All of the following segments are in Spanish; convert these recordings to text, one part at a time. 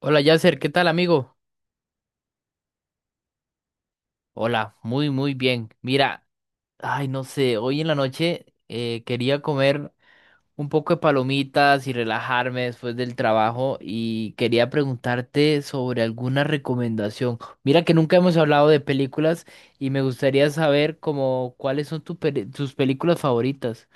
Hola Yasser, ¿qué tal amigo? Hola, muy muy bien. Mira, ay no sé, hoy en la noche quería comer un poco de palomitas y relajarme después del trabajo y quería preguntarte sobre alguna recomendación. Mira que nunca hemos hablado de películas y me gustaría saber como cuáles son tus películas favoritas.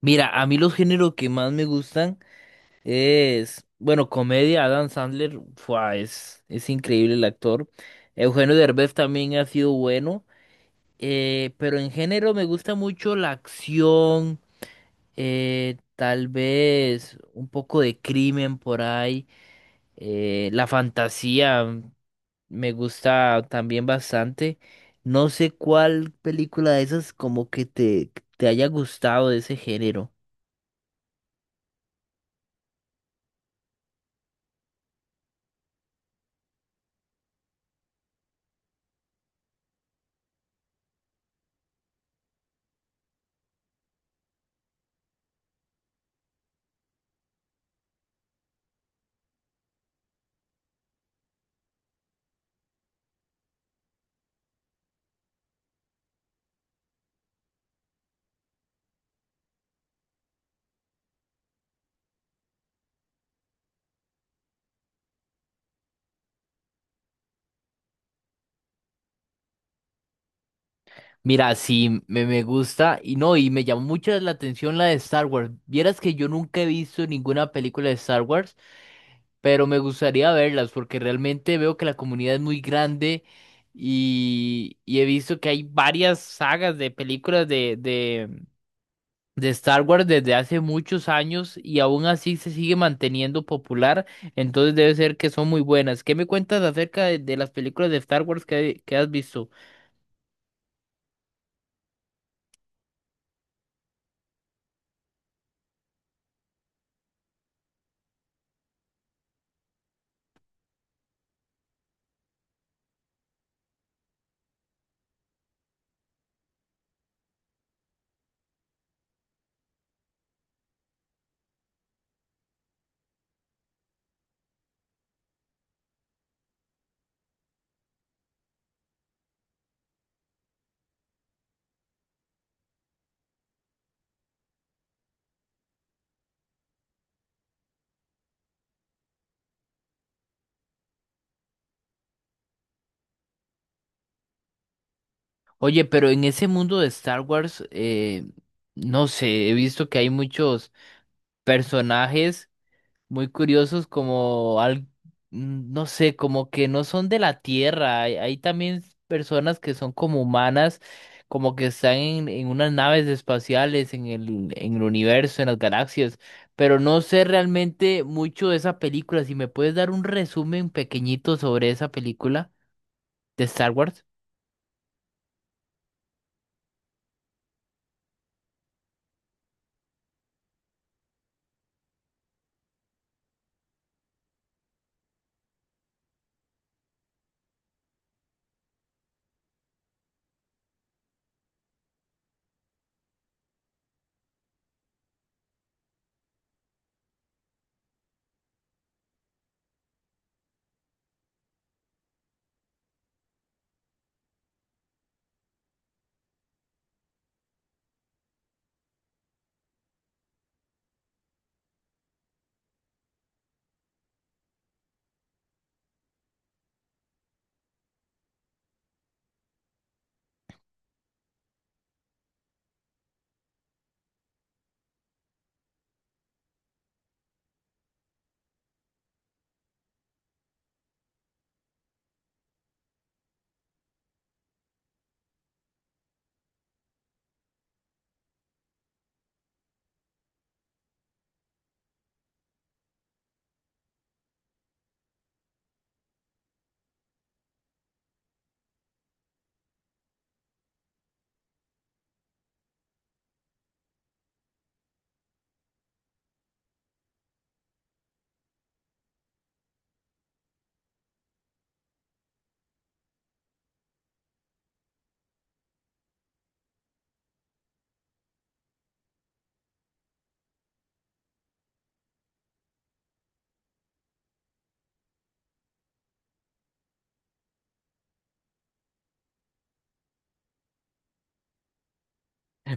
Mira, a mí los géneros que más me gustan es, bueno, comedia, Adam Sandler, fua, es increíble el actor. Eugenio Derbez también ha sido bueno, pero en género me gusta mucho la acción, tal vez un poco de crimen por ahí, la fantasía me gusta también bastante. No sé cuál película de esas como que te haya gustado de ese género. Mira, sí, me gusta y no, y me llamó mucho la atención la de Star Wars. Vieras que yo nunca he visto ninguna película de Star Wars, pero me gustaría verlas porque realmente veo que la comunidad es muy grande y he visto que hay varias sagas de películas de Star Wars desde hace muchos años y aún así se sigue manteniendo popular, entonces debe ser que son muy buenas. ¿Qué me cuentas acerca de las películas de Star Wars que has visto? Oye, pero en ese mundo de Star Wars, no sé, he visto que hay muchos personajes muy curiosos como, al, no sé, como que no son de la Tierra. Hay también personas que son como humanas, como que están en unas naves espaciales, en en el universo, en las galaxias. Pero no sé realmente mucho de esa película. Si me puedes dar un resumen pequeñito sobre esa película de Star Wars.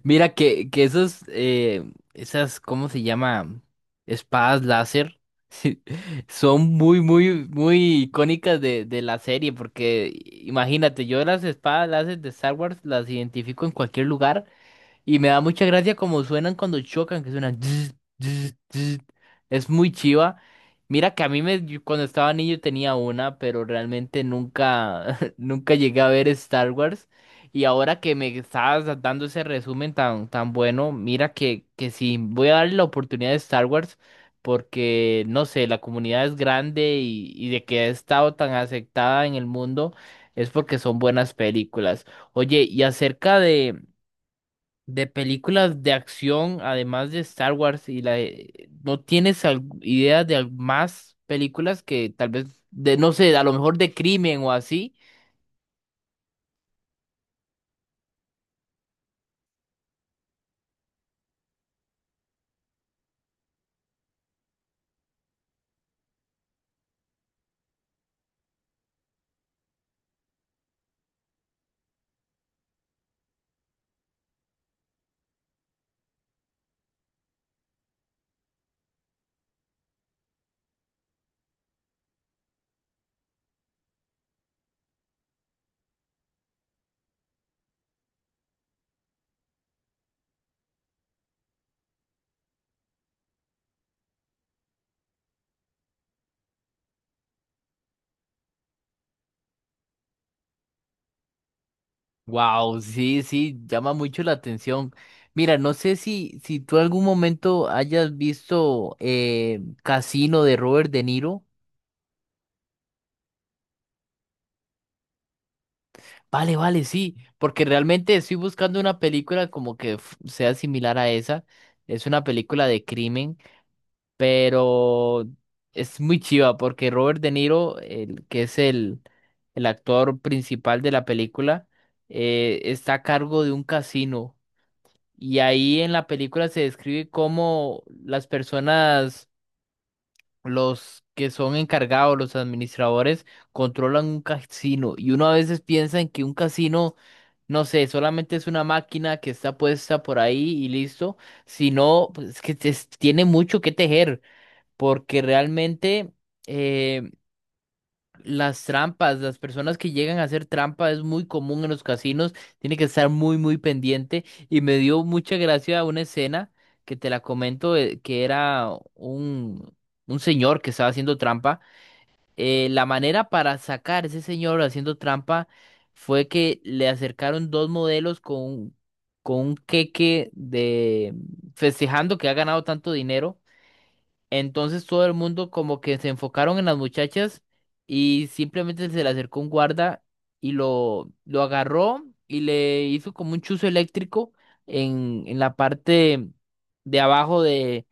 Mira que esos, esas, ¿cómo se llama? Espadas láser, sí, son muy, muy, muy icónicas de la serie, porque imagínate, yo las espadas láser de Star Wars las identifico en cualquier lugar. Y me da mucha gracia como suenan cuando chocan, que suenan. Zzz, zzz, zzz. Es muy chiva. Mira que a mí me, yo cuando estaba niño tenía una, pero realmente nunca, nunca llegué a ver Star Wars. Y ahora que me estabas dando ese resumen tan, tan bueno, mira que sí, voy a darle la oportunidad de Star Wars, porque no sé, la comunidad es grande y de que ha estado tan aceptada en el mundo es porque son buenas películas. Oye, y acerca de películas de acción, además de Star Wars y la de- ¿no tienes al- idea de al- más películas que tal vez de no sé, a lo mejor de crimen o así? Wow, sí, sí, llama mucho la atención. Mira, no sé si si tú algún momento hayas visto Casino de Robert De Niro. Vale, vale, sí, porque realmente estoy buscando una película como que sea similar a esa. Es una película de crimen, pero es muy chiva porque Robert De Niro, el que es el actor principal de la película, está a cargo de un casino y ahí en la película se describe cómo las personas, los que son encargados, los administradores, controlan un casino y uno a veces piensa en que un casino, no sé, solamente es una máquina que está puesta por ahí y listo, sino pues, es que tiene mucho que tejer porque realmente eh, las trampas, las personas que llegan a hacer trampa es muy común en los casinos, tiene que estar muy, muy pendiente y me dio mucha gracia una escena que te la comento, que era un señor que estaba haciendo trampa. La manera para sacar a ese señor haciendo trampa fue que le acercaron dos modelos con un queque de festejando que ha ganado tanto dinero. Entonces todo el mundo como que se enfocaron en las muchachas y simplemente se le acercó un guarda y lo agarró y le hizo como un chuzo eléctrico en la parte de abajo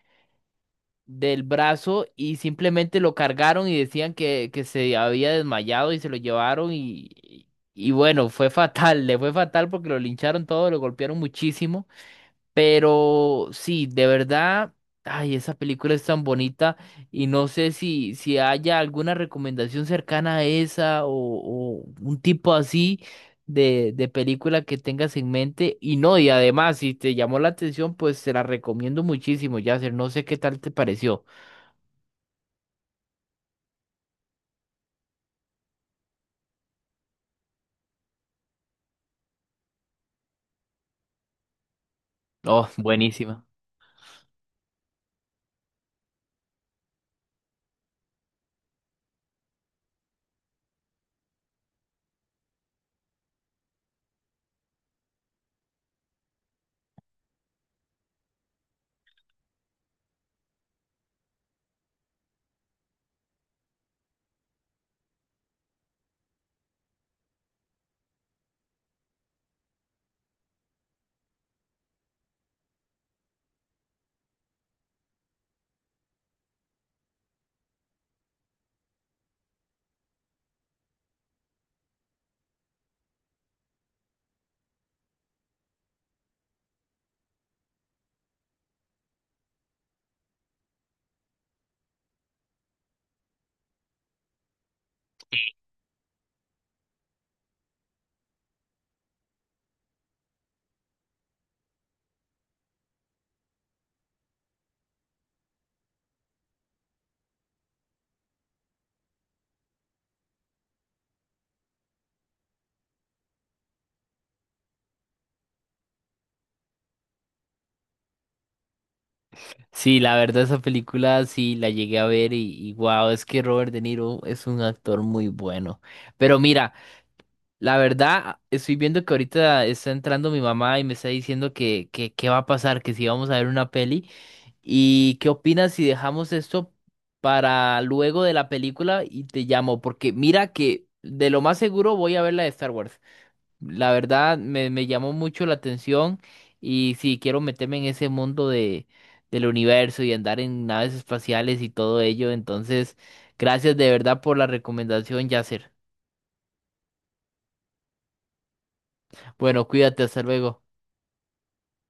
del brazo y simplemente lo cargaron y decían que se había desmayado y se lo llevaron y bueno, fue fatal, le fue fatal porque lo lincharon todo, lo golpearon muchísimo. Pero sí, de verdad, ay, esa película es tan bonita y no sé si haya alguna recomendación cercana a esa o un tipo así de película que tengas en mente. Y no, y además, si te llamó la atención, pues te la recomiendo muchísimo, Yasser. No sé qué tal te pareció. Oh, buenísima. Sí, la verdad, esa película sí la llegué a ver y wow, es que Robert De Niro es un actor muy bueno. Pero mira. La verdad, estoy viendo que ahorita está entrando mi mamá y me está diciendo que qué va a pasar, que si vamos a ver una peli. ¿Y qué opinas si dejamos esto para luego de la película y te llamo? Porque mira que de lo más seguro voy a ver la de Star Wars. La verdad, me llamó mucho la atención y sí quiero meterme en ese mundo de, del universo y andar en naves espaciales y todo ello. Entonces, gracias de verdad por la recomendación, Yasser. Bueno, cuídate, hasta luego.